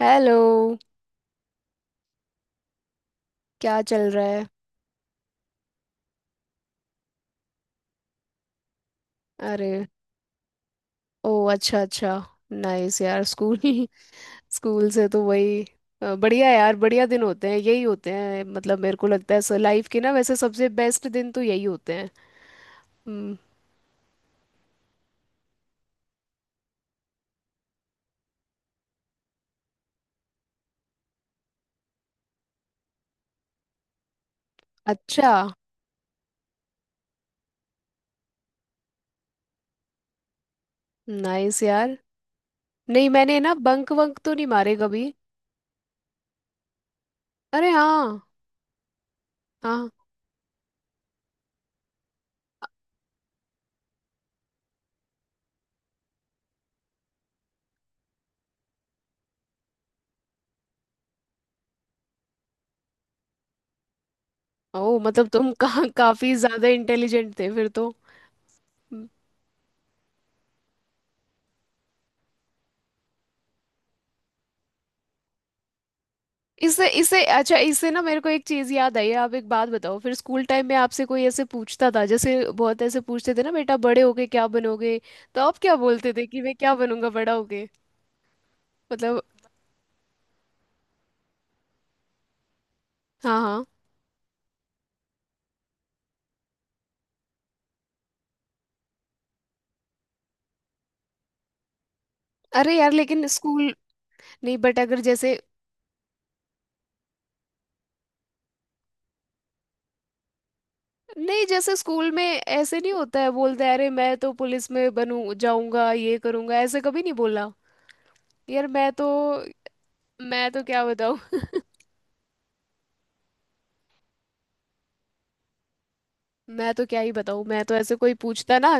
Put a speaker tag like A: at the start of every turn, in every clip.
A: Hello. क्या चल रहा है? अरे। ओ, अच्छा अच्छा। नाइस यार, स्कूल स्कूल से तो वही। बढ़िया यार, बढ़िया दिन होते हैं, यही होते हैं, मतलब मेरे को लगता है सर लाइफ के, ना वैसे सबसे बेस्ट दिन तो यही होते हैं। हम्म। अच्छा। नाइस यार। नहीं, मैंने ना बंक वंक तो नहीं मारे कभी। अरे हाँ, हाँ। ओ, मतलब तुम काफी ज्यादा इंटेलिजेंट थे फिर तो। इससे इससे अच्छा, इससे ना मेरे को एक चीज याद आई है। आप एक बात बताओ, फिर स्कूल टाइम में आपसे कोई ऐसे पूछता था, जैसे बहुत ऐसे पूछते थे ना, बेटा बड़े होके क्या बनोगे? तो आप क्या बोलते थे कि मैं क्या बनूंगा बड़ा होके? मतलब। हाँ हाँ। अरे यार, लेकिन स्कूल। नहीं बट अगर जैसे। नहीं, जैसे स्कूल में ऐसे नहीं होता है, बोलते हैं अरे मैं तो पुलिस में बनू जाऊंगा, ये करूंगा, ऐसे कभी नहीं बोला। यार मैं तो, क्या बताऊँ। मैं तो क्या ही बताऊँ, मैं तो ऐसे कोई पूछता ना।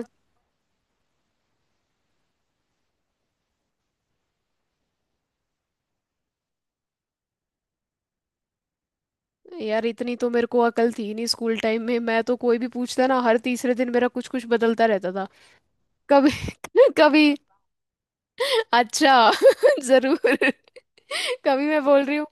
A: यार, इतनी तो मेरे को अकल थी नहीं स्कूल टाइम में। मैं तो कोई भी पूछता ना, हर तीसरे दिन मेरा कुछ कुछ बदलता रहता था। कभी कभी। अच्छा जरूर। कभी, मैं बोल रही हूँ।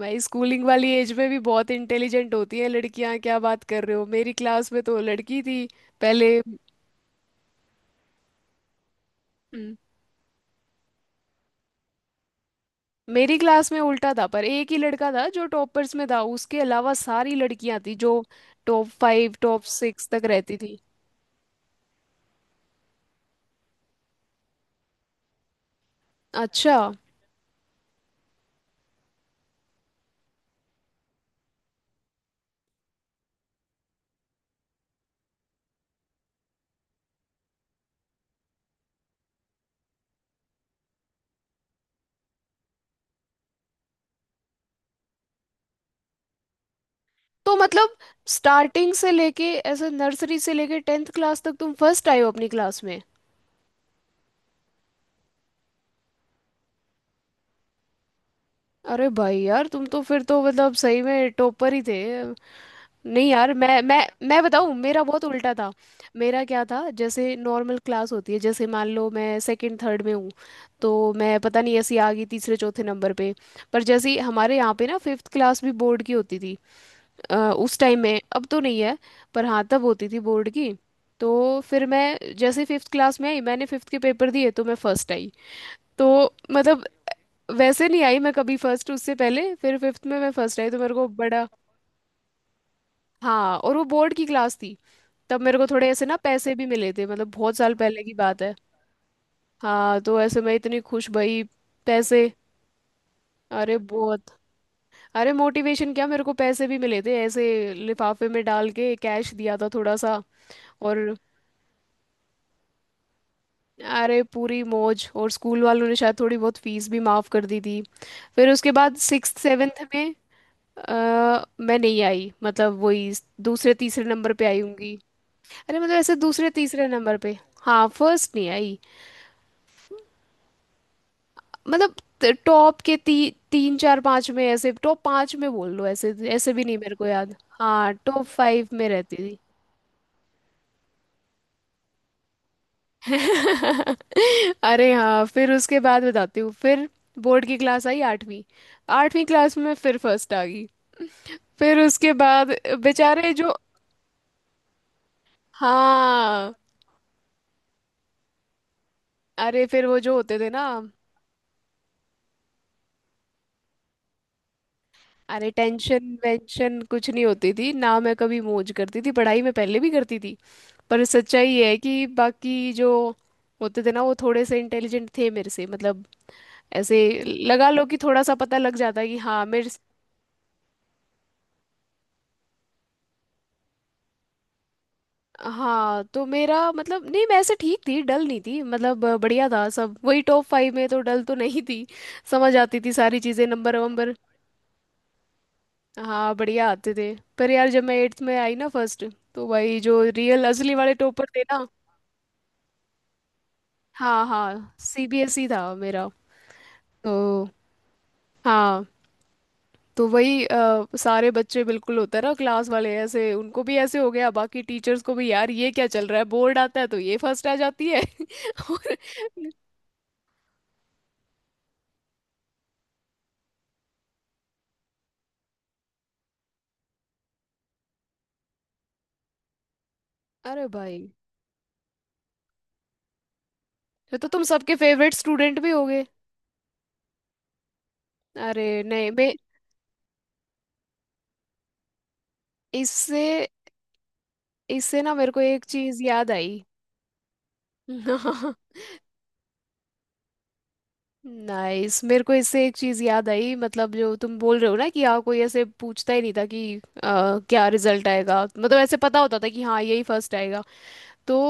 A: भाई, स्कूलिंग वाली एज में भी बहुत इंटेलिजेंट होती हैं लड़कियां, क्या बात कर रहे हो? मेरी क्लास में तो लड़की थी पहले। हम्म, मेरी क्लास में उल्टा था, पर एक ही लड़का था जो टॉपर्स में था, उसके अलावा सारी लड़कियां थी जो टॉप फाइव टॉप सिक्स तक रहती थी। अच्छा। तो मतलब स्टार्टिंग से लेके ऐसे, नर्सरी से लेके टेंथ क्लास तक तुम फर्स्ट आए हो अपनी क्लास में? अरे भाई यार, तुम तो फिर तो मतलब सही में टॉपर ही थे। नहीं यार, मैं बताऊं, मेरा बहुत उल्टा था। मेरा क्या था, जैसे नॉर्मल क्लास होती है, जैसे मान लो मैं सेकंड थर्ड में हूँ, तो मैं पता नहीं ऐसी आ गई तीसरे चौथे नंबर पे। पर जैसे ही हमारे यहाँ पे ना फिफ्थ क्लास भी बोर्ड की होती थी। उस टाइम में, अब तो नहीं है, पर हाँ तब होती थी बोर्ड की। तो फिर मैं जैसे फिफ्थ क्लास में आई, मैंने फिफ्थ के पेपर दिए तो मैं फर्स्ट आई। तो मतलब वैसे नहीं आई मैं कभी फर्स्ट उससे पहले, फिर फिफ्थ में मैं फर्स्ट आई तो मेरे को बड़ा। हाँ, और वो बोर्ड की क्लास थी। तब मेरे को थोड़े ऐसे ना पैसे भी मिले थे, मतलब बहुत साल पहले की बात है। हाँ, तो ऐसे मैं इतनी खुश भाई। पैसे। अरे बहुत। अरे मोटिवेशन क्या, मेरे को पैसे भी मिले थे ऐसे, लिफाफे में डाल के कैश दिया था थोड़ा सा। और अरे, पूरी मौज, और स्कूल वालों ने शायद थोड़ी बहुत फीस भी माफ कर दी थी। फिर उसके बाद सिक्स सेवेंथ में मैं नहीं आई, मतलब वही दूसरे तीसरे नंबर पे आई होंगी। अरे मतलब ऐसे दूसरे तीसरे नंबर पे। हाँ, फर्स्ट नहीं आई। मतलब टॉप के तीन चार पाँच में, ऐसे टॉप पाँच में बोल लो, ऐसे ऐसे भी नहीं मेरे को याद। हाँ, टॉप फाइव में रहती। अरे हाँ, फिर उसके बाद बताती हूँ। फिर बोर्ड की क्लास आई आठवीं। आठवीं क्लास में मैं फिर फर्स्ट आ गई। फिर उसके बाद बेचारे जो, हाँ। अरे, फिर वो जो होते थे ना, अरे टेंशन वेंशन कुछ नहीं होती थी ना, मैं कभी मौज करती थी पढ़ाई में, पहले भी करती थी। पर सच्चाई ये है कि बाकी जो होते थे ना वो थोड़े से इंटेलिजेंट थे मेरे से, मतलब ऐसे लगा लो कि थोड़ा सा पता लग जाता है कि हाँ मेरे। हाँ, तो मेरा मतलब नहीं, मैं ऐसे ठीक थी, डल नहीं थी मतलब, बढ़िया था सब, वही टॉप फाइव में तो, डल तो नहीं थी। समझ आती थी सारी चीज़ें, नंबर वंबर हाँ बढ़िया आते थे। पर यार जब मैं एट्थ में आई ना फर्स्ट, तो भाई जो रियल असली वाले टॉपर थे ना। हाँ हाँ, सीबीएसई था मेरा। तो हाँ, तो वही सारे बच्चे, बिल्कुल होता है ना, क्लास वाले ऐसे उनको भी ऐसे हो गया, बाकी टीचर्स को भी, यार ये क्या चल रहा है, बोर्ड आता है तो ये फर्स्ट आ जाती है और अरे भाई, ये तो तुम सबके फेवरेट स्टूडेंट भी होगे। अरे नहीं, मैं। इससे इससे ना मेरे को एक चीज याद आई। नाइस, मेरे को इससे एक चीज याद आई, मतलब जो तुम बोल रहे हो ना कि यहाँ कोई ऐसे पूछता ही नहीं था कि क्या रिजल्ट आएगा, मतलब ऐसे पता होता था कि हाँ यही फर्स्ट आएगा। तो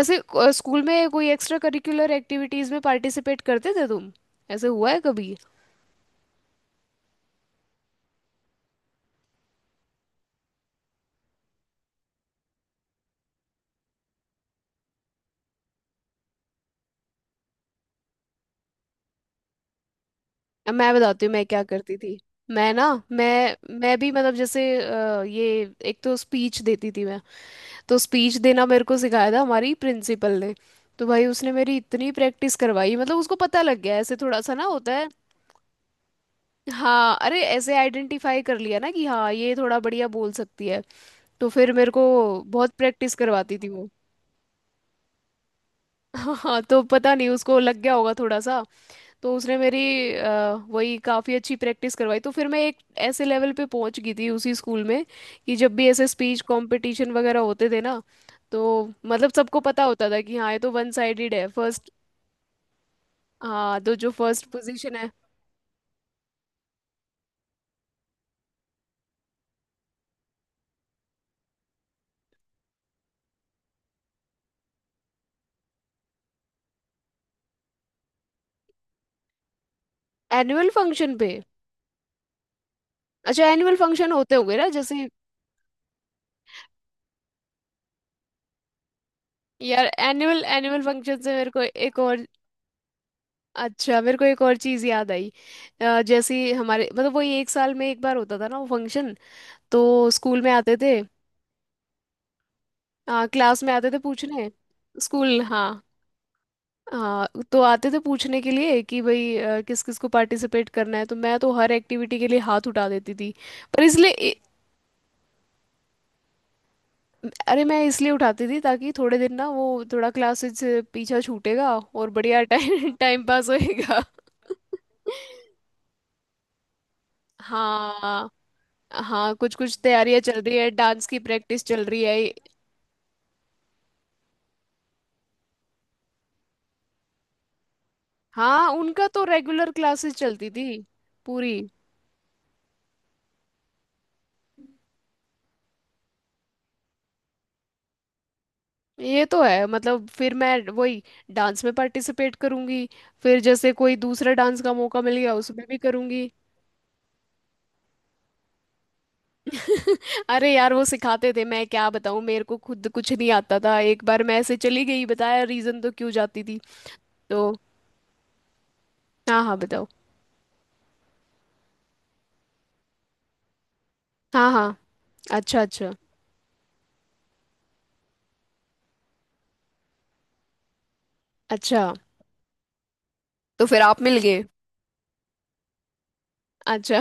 A: ऐसे, स्कूल में कोई एक्स्ट्रा करिकुलर एक्टिविटीज में पार्टिसिपेट करते थे तुम, ऐसे हुआ है कभी? अब मैं बताती हूँ मैं क्या करती थी। मैं ना, मैं भी मतलब, जैसे ये एक तो स्पीच देती थी मैं। तो स्पीच देना मेरे को सिखाया था हमारी प्रिंसिपल ने। तो भाई उसने मेरी इतनी प्रैक्टिस करवाई, मतलब उसको पता लग गया ऐसे थोड़ा सा ना होता है। हाँ। अरे, ऐसे आइडेंटिफाई कर लिया ना कि हाँ ये थोड़ा बढ़िया बोल सकती है। तो फिर मेरे को बहुत प्रैक्टिस करवाती थी वो। हाँ, तो पता नहीं उसको लग गया होगा थोड़ा सा। तो उसने मेरी वही काफ़ी अच्छी प्रैक्टिस करवाई, तो फिर मैं एक ऐसे लेवल पे पहुंच गई थी उसी स्कूल में कि जब भी ऐसे स्पीच कंपटीशन वगैरह होते थे ना, तो मतलब सबको पता होता था कि हाँ ये तो वन साइडेड है, फर्स्ट। हाँ, तो जो फर्स्ट पोजीशन है, एनुअल फंक्शन पे। अच्छा, एनुअल फंक्शन होते होंगे ना जैसे। यार एनुअल, एनुअल फंक्शन से मेरे को एक और, अच्छा मेरे को एक और चीज़ याद आई। जैसे हमारे, मतलब वही एक साल में एक बार होता था ना वो फंक्शन। तो स्कूल में आते थे, क्लास में आते थे पूछने। स्कूल, हाँ। हाँ, तो आते थे पूछने के लिए कि भाई किस किस को पार्टिसिपेट करना है, तो मैं तो हर एक्टिविटी के लिए हाथ उठा देती थी। पर इसलिए अरे, मैं इसलिए उठाती थी ताकि थोड़े दिन ना वो थोड़ा क्लासेस से पीछा छूटेगा और बढ़िया टाइम टाइम पास होएगा। हाँ हाँ, कुछ कुछ तैयारियां चल रही है, डांस की प्रैक्टिस चल रही है। हाँ, उनका तो रेगुलर क्लासेस चलती थी पूरी। ये तो है, मतलब फिर मैं वही डांस में पार्टिसिपेट करूंगी, फिर जैसे कोई दूसरा डांस का मौका मिल गया उसमें भी करूंगी। अरे यार, वो सिखाते थे, मैं क्या बताऊँ, मेरे को खुद कुछ नहीं आता था, एक बार मैं ऐसे चली गई, बताया रीजन तो क्यों जाती थी। तो हाँ हाँ, बताओ। हाँ हाँ। अच्छा अच्छा अच्छा। तो फिर आप मिल गए? अच्छा।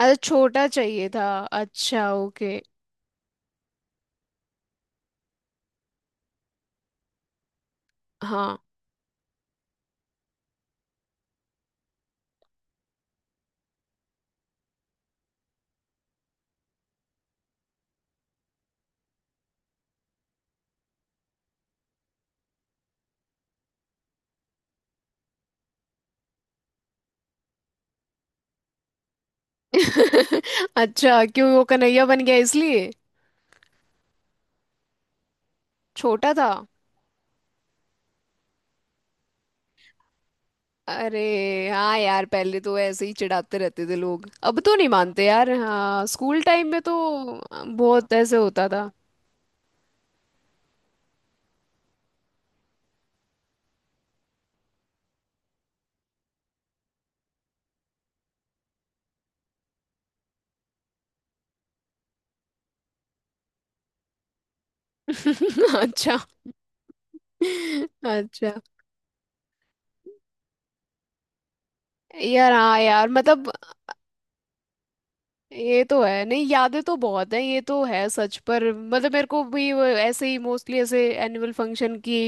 A: अरे छोटा चाहिए था। अच्छा ओके। हाँ। अच्छा, क्यों वो कन्हैया बन गया इसलिए, छोटा था? अरे हाँ यार, पहले तो ऐसे ही चिढ़ाते रहते थे लोग, अब तो नहीं मानते यार, हाँ स्कूल टाइम में तो बहुत ऐसे होता था। अच्छा अच्छा। यार हाँ यार, मतलब ये तो है, नहीं यादें तो बहुत हैं, ये तो है सच। पर मतलब मेरे को भी वो ऐसे ही मोस्टली ऐसे एनुअल फंक्शन की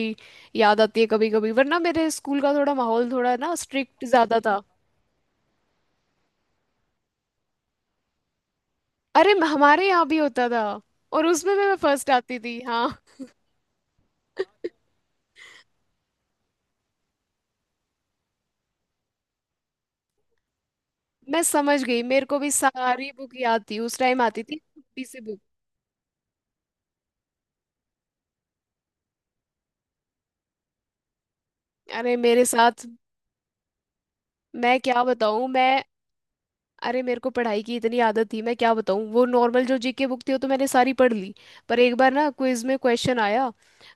A: याद आती है कभी कभी, वरना मेरे स्कूल का थोड़ा माहौल थोड़ा ना स्ट्रिक्ट ज्यादा था। अरे हमारे यहाँ भी होता था, और उसमें भी मैं फर्स्ट आती थी हाँ। मैं समझ गई, मेरे को भी सारी बुक याद थी उस टाइम, आती थी छोटी सी बुक। अरे मेरे साथ, मैं क्या बताऊं। मैं, अरे मेरे को पढ़ाई की इतनी आदत थी, मैं क्या बताऊं, वो नॉर्मल जो जीके बुक थी वो तो मैंने सारी पढ़ ली। पर एक बार ना क्विज में क्वेश्चन आया,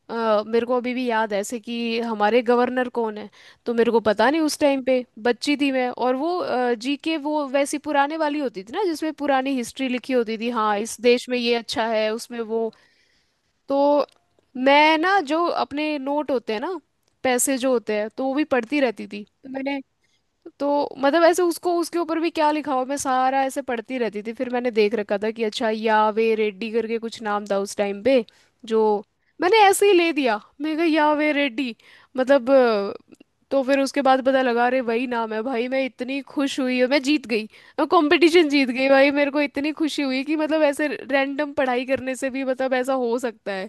A: मेरे को अभी भी याद है ऐसे कि हमारे गवर्नर कौन है। तो मेरे को पता नहीं, उस टाइम पे बच्ची थी मैं, और वो जीके वो वैसी पुराने वाली होती थी ना, जिसमें पुरानी हिस्ट्री लिखी होती थी, हाँ इस देश में ये अच्छा है, उसमें वो, तो मैं ना जो अपने नोट होते हैं ना, पैसे जो होते हैं, तो वो भी पढ़ती रहती थी, तो मैंने, तो मतलब ऐसे उसको, उसके ऊपर भी क्या लिखा हुआ मैं सारा ऐसे पढ़ती रहती थी। फिर मैंने देख रखा था कि अच्छा यावे रेड्डी करके कुछ नाम था उस टाइम पे जो, मैंने ऐसे ही ले दिया, मैं कहा यावे रेड्डी, मतलब तो फिर उसके बाद पता लगा अरे वही नाम है भाई, मैं इतनी खुश हुई और मैं जीत गई। मैं कंपटीशन जीत गई भाई, मेरे को इतनी खुशी हुई कि मतलब ऐसे रैंडम पढ़ाई करने से भी मतलब ऐसा हो सकता है।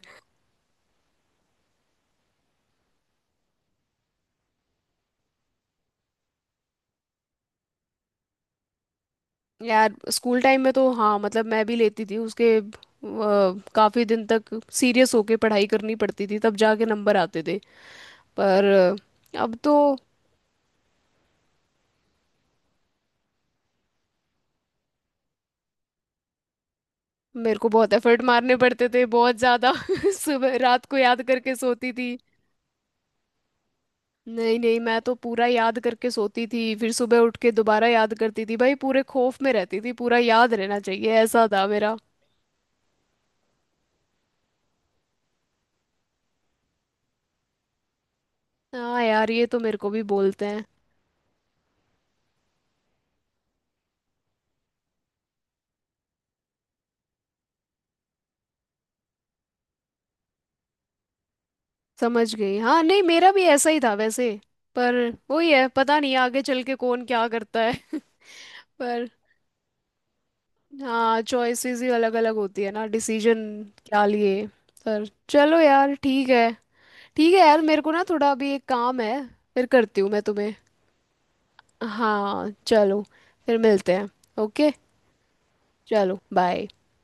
A: यार, स्कूल टाइम में तो हाँ, मतलब मैं भी लेती थी उसके, काफी दिन तक सीरियस होके पढ़ाई करनी पड़ती थी तब जाके नंबर आते थे। पर अब तो, मेरे को बहुत एफर्ट मारने पड़ते थे, बहुत ज्यादा सुबह रात को याद करके सोती थी। नहीं नहीं, मैं तो पूरा याद करके सोती थी, फिर सुबह उठ के दोबारा याद करती थी, भाई पूरे खौफ में रहती थी, पूरा याद रहना चाहिए ऐसा था मेरा। हाँ यार, ये तो मेरे को भी बोलते हैं। समझ गई। हाँ, नहीं मेरा भी ऐसा ही था वैसे। पर वही है, पता नहीं आगे चल के कौन क्या करता है पर हाँ, चॉइसेस ही अलग अलग होती है ना, डिसीजन क्या लिए। पर चलो यार, ठीक है। ठीक है यार, मेरे को ना थोड़ा अभी एक काम है, फिर करती हूँ मैं तुम्हें। हाँ चलो, फिर मिलते हैं। ओके। चलो बाय।